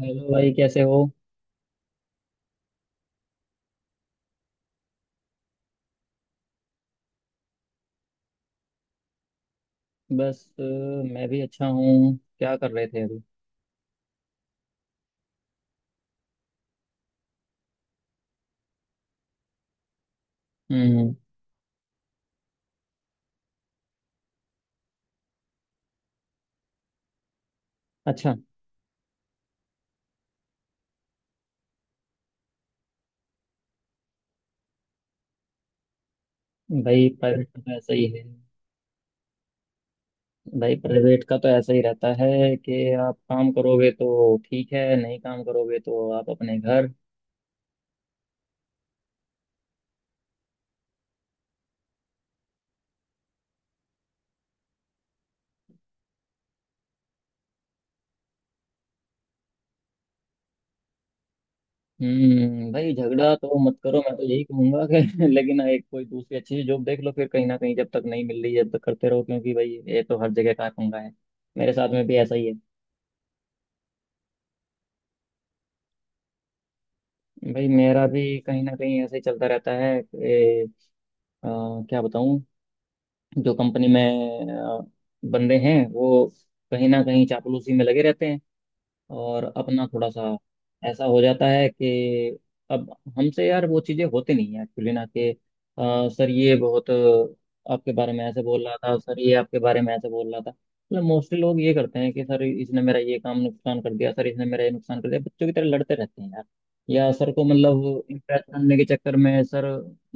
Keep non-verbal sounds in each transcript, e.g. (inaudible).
Hello भाई, कैसे हो? बस, मैं भी अच्छा हूँ। क्या कर रहे थे अभी? हम्म। अच्छा। भाई, प्राइवेट का तो ऐसा ही है। भाई, प्राइवेट का तो ऐसा ही रहता है कि आप काम करोगे तो ठीक है, नहीं काम करोगे तो आप अपने घर। हम्म। भाई, झगड़ा तो मत करो, मैं तो यही कहूंगा कि (laughs) लेकिन एक कोई दूसरी अच्छी सी जॉब देख लो, फिर कहीं ना कहीं जब तक नहीं मिल रही है तब तक करते रहो, क्योंकि भाई ये तो हर जगह का पंगा है। मेरे साथ में भी ऐसा ही है। भाई, मेरा भी कहीं ना कहीं ऐसे ही चलता रहता है। अ, क्या बताऊं। जो कंपनी में बंदे हैं, वो कहीं ना कहीं चापलूसी में लगे रहते हैं। और अपना थोड़ा सा ऐसा हो जाता है कि अब हमसे यार वो चीज़ें होती नहीं है एक्चुअली, ना कि सर ये बहुत आपके बारे में ऐसे बोल रहा था, सर ये आपके बारे में ऐसे बोल रहा था, मतलब मोस्टली लोग ये करते हैं कि सर इसने मेरा ये काम नुकसान कर दिया, सर इसने मेरा ये नुकसान कर दिया। बच्चों की तरह लड़ते रहते हैं यार। या सर को मतलब इम्प्रेस करने के चक्कर में, सर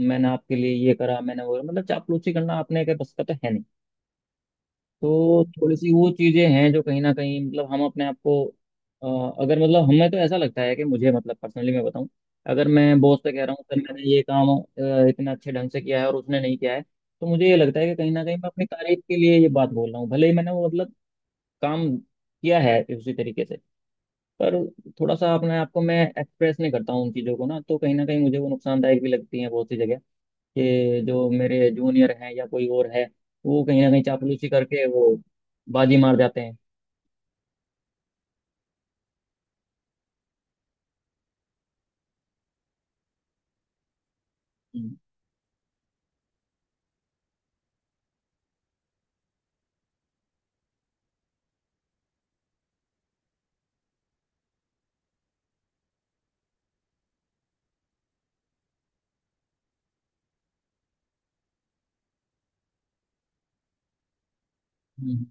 मैंने आपके लिए ये करा, मैंने वो, मतलब चापलूसी करना अपने के बस का तो है नहीं। तो थोड़ी सी वो चीजें हैं जो कहीं ना कहीं, मतलब हम अपने आप को अगर, मतलब हमें तो ऐसा लगता है कि मुझे, मतलब पर्सनली मैं बताऊं, अगर मैं बॉस से कह रहा हूँ सर मैंने ये काम इतना अच्छे ढंग से किया है और उसने नहीं किया है, तो मुझे ये लगता है कि कहीं ना कहीं मैं अपनी तारीफ के लिए ये बात बोल रहा हूँ, भले ही मैंने वो मतलब काम किया है उसी तरीके से। पर थोड़ा सा अपने आप को मैं एक्सप्रेस नहीं करता हूँ उन चीज़ों को, ना तो कहीं ना कहीं मुझे वो नुकसानदायक भी लगती है बहुत सी जगह, कि जो मेरे जूनियर हैं या कोई और है, वो कहीं ना कहीं चापलूसी करके वो बाजी मार जाते हैं। हम्म, हम्म।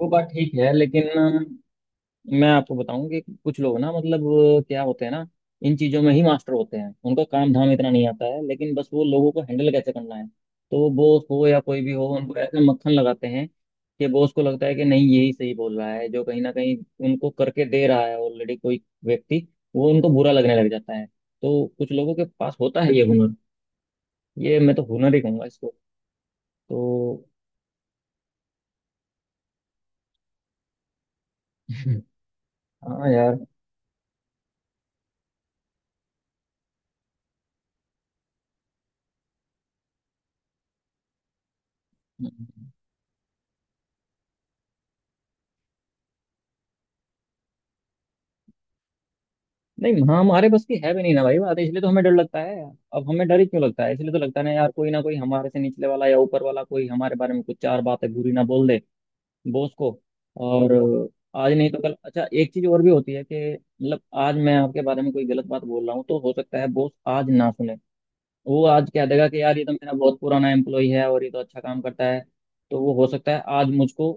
वो बात ठीक है लेकिन मैं आपको बताऊं कि कुछ लोग ना, मतलब क्या होते हैं ना, इन चीजों में ही मास्टर होते हैं। उनका काम धाम इतना नहीं आता है, लेकिन बस वो लोगों को हैंडल कैसे करना है। तो बॉस हो या कोई भी हो, उनको ऐसा मक्खन लगाते हैं कि बॉस को लगता है कि नहीं, यही सही बोल रहा है। जो कहीं ना कहीं उनको करके दे रहा है ऑलरेडी कोई व्यक्ति, वो उनको बुरा लगने लग जाता है। तो कुछ लोगों के पास होता है ये हुनर। ये मैं तो हुनर ही कहूंगा इसको। तो (laughs) हाँ यार। नहीं, हाँ हमारे बस की है भी नहीं ना भाई बात, इसलिए तो हमें डर लगता है। अब हमें डर ही क्यों लगता है? इसलिए तो लगता है ना यार, कोई ना कोई हमारे से निचले वाला या ऊपर वाला कोई हमारे बारे में कुछ चार बातें बुरी ना बोल दे बॉस को। और आज नहीं तो कल। अच्छा, एक चीज और भी होती है कि मतलब आज मैं आपके बारे में कोई गलत बात बोल रहा हूँ, तो हो सकता है बॉस आज ना सुने। वो आज कह देगा कि यार, ये तो मेरा बहुत पुराना एम्प्लॉय है और ये तो अच्छा काम करता है। तो वो हो सकता है आज मुझको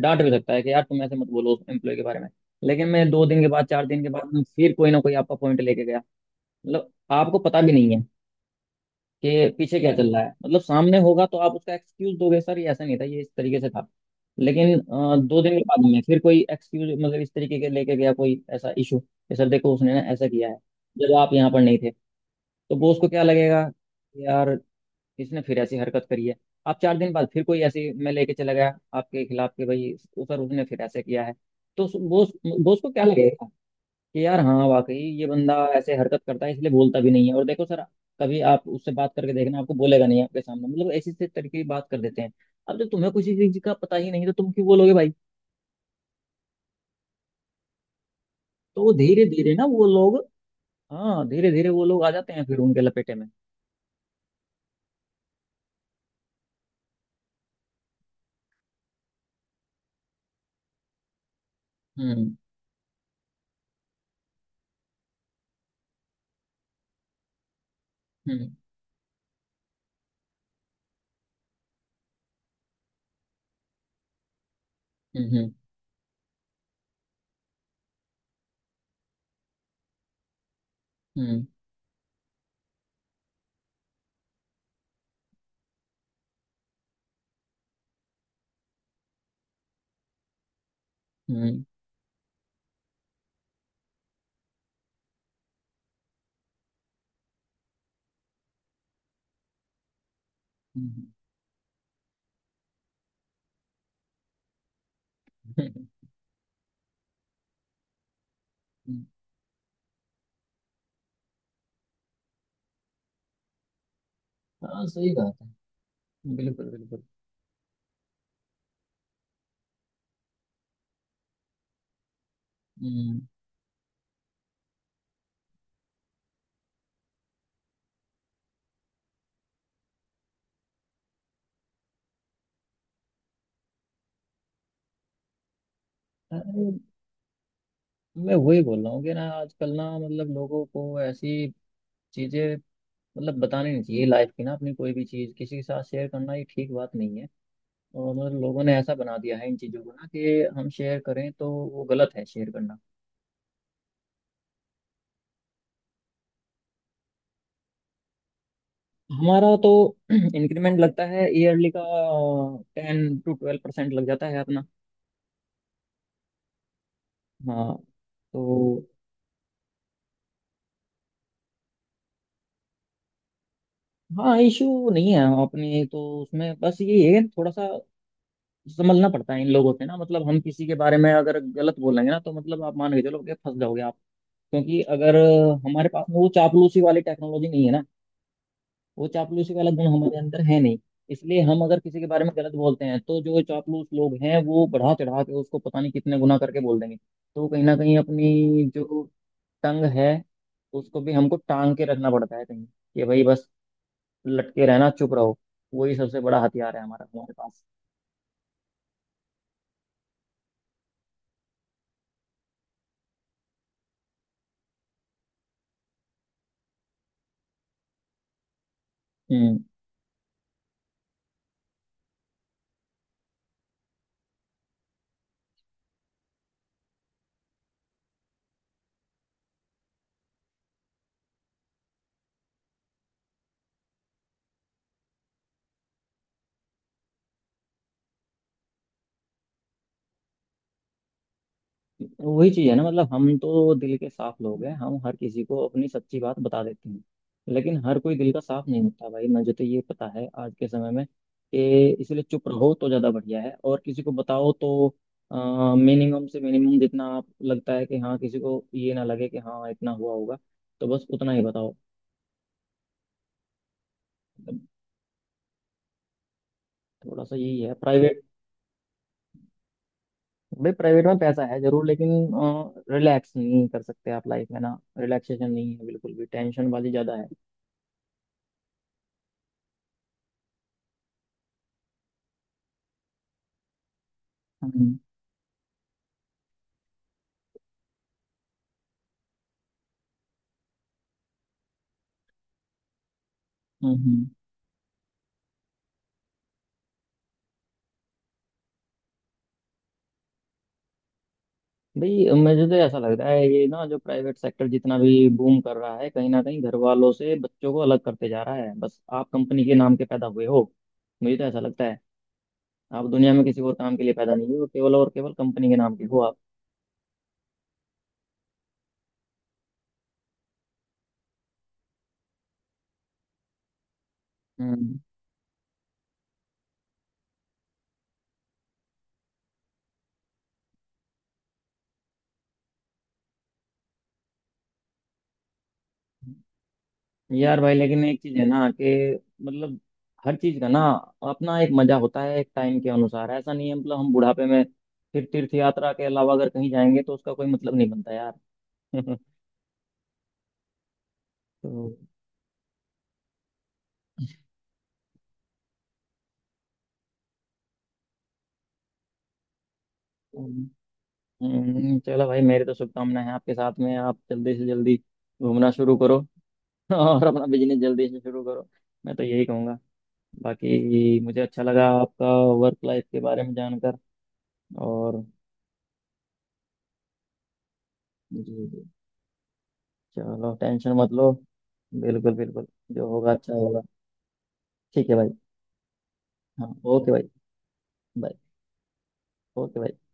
डांट भी सकता है कि यार तुम ऐसे मत बोलो उस एम्प्लॉय के बारे में। लेकिन मैं 2 दिन के बाद, 4 दिन के बाद में फिर कोई ना कोई आपका पॉइंट लेके गया, मतलब आपको पता भी नहीं है कि पीछे क्या चल रहा है। मतलब सामने होगा तो आप उसका एक्सक्यूज दोगे, सर ये ऐसा नहीं था, ये इस तरीके से था। लेकिन 2 दिन के बाद में फिर कोई एक्सक्यूज, मतलब इस तरीके के लेके गया कोई ऐसा इशू कि सर देखो उसने ना ऐसा किया है, जब आप यहाँ पर नहीं थे, तो वो उसको क्या लगेगा? यार, इसने फिर ऐसी हरकत करी है। आप 4 दिन बाद फिर कोई ऐसी मैं लेके चला गया आपके खिलाफ कि भाई सर उसने फिर ऐसे किया है। तो उस- बॉस बॉस को क्या लगेगा? कि यार हाँ, वाकई ये बंदा ऐसे हरकत करता है, इसलिए बोलता भी नहीं है। और देखो सर, कभी आप उससे बात करके देखना, आपको बोलेगा नहीं आपके सामने, मतलब ऐसी ऐसी तरीके की बात कर देते हैं। अब जब तुम्हें किसी चीज का पता ही नहीं, तो तुम क्यों बोलोगे भाई? तो वो धीरे धीरे ना वो लोग, हाँ, धीरे धीरे वो लोग आ जाते हैं फिर उनके लपेटे में। हम्म, हम्म, हम्म, हम्म, हम्म, हम्म, हम्म, हम्म, हम्म। हाँ, सही बात है। बिल्कुल बिल्कुल। हम्म। अरे, मैं वही बोल रहा हूँ कि ना, आजकल ना, मतलब लोगों को ऐसी चीजें, मतलब बतानी नहीं चाहिए। लाइफ की ना, अपनी कोई भी चीज किसी के साथ शेयर करना, ये ठीक बात नहीं है। और मतलब लोगों ने ऐसा बना दिया है इन चीजों को ना, कि हम शेयर करें तो वो गलत है शेयर करना। हमारा तो (clears throat) इंक्रीमेंट लगता है ईयरली का 10 to 12% लग जाता है अपना। हाँ। तो हाँ, इशू नहीं है अपने तो उसमें, बस ये है थोड़ा सा संभलना पड़ता है इन लोगों से ना, मतलब हम किसी के बारे में अगर गलत बोलेंगे ना, तो मतलब आप मान के चलो कि फंस जाओगे आप। क्योंकि अगर हमारे पास में वो चापलूसी वाली टेक्नोलॉजी नहीं है ना, वो चापलूसी वाला गुण हमारे अंदर है नहीं। इसलिए हम अगर किसी के बारे में गलत बोलते हैं, तो जो चापलूस लोग हैं वो बढ़ा चढ़ा के उसको पता नहीं कितने गुना करके बोल देंगे। तो कहीं ना कहीं अपनी जो टंग है, उसको भी हमको टांग के रखना पड़ता है कहीं कि भाई बस लटके रहना, चुप रहो, वही सबसे बड़ा हथियार है हमारा, हमारे पास। हम्म। वही चीज है ना, मतलब हम तो दिल के साफ लोग हैं, हम हर किसी को अपनी सच्ची बात बता देते हैं। लेकिन हर कोई दिल का साफ नहीं होता भाई। मुझे तो ये पता है आज के समय में कि इसलिए चुप रहो तो ज्यादा बढ़िया है, और किसी को बताओ तो मिनिमम से मिनिमम, जितना आप लगता है कि हाँ किसी को ये ना लगे कि हाँ इतना हुआ होगा, तो बस उतना ही बताओ। मतलब थोड़ा सा यही है प्राइवेट। भाई, प्राइवेट में पैसा है जरूर, लेकिन रिलैक्स नहीं कर सकते आप लाइफ में, ना रिलैक्सेशन नहीं है बिल्कुल भी, टेंशन वाली ज्यादा है। हम्म, हम्म, भाई, मुझे तो ऐसा लग रहा है, ये ना जो प्राइवेट सेक्टर जितना भी बूम कर रहा है, कहीं ना कहीं घर वालों से बच्चों को अलग करते जा रहा है। बस आप कंपनी के नाम के पैदा हुए हो, मुझे तो ऐसा लगता है। आप दुनिया में किसी और काम के लिए पैदा नहीं हुए हो, केवल और केवल कंपनी के नाम के हो आप। हम्म। यार भाई, लेकिन एक चीज है ना कि मतलब हर चीज का ना अपना एक मजा होता है एक टाइम के अनुसार, ऐसा नहीं है, मतलब हम बुढ़ापे में फिर तीर्थ यात्रा के अलावा अगर कहीं जाएंगे तो उसका कोई मतलब नहीं बनता यार। (laughs) तो, चलो भाई, मेरी तो शुभकामनाएं हैं आपके साथ में। आप जल्दी से जल्दी घूमना शुरू करो (laughs) और अपना बिजनेस जल्दी से शुरू करो, मैं तो यही कहूँगा। बाकी मुझे अच्छा लगा आपका वर्क लाइफ के बारे में जानकर। और जी। जी। चलो, टेंशन मत लो। बिल्कुल बिल्कुल। जो होगा अच्छा होगा। ठीक है भाई। हाँ ओके भाई। बाय। ओके भाई।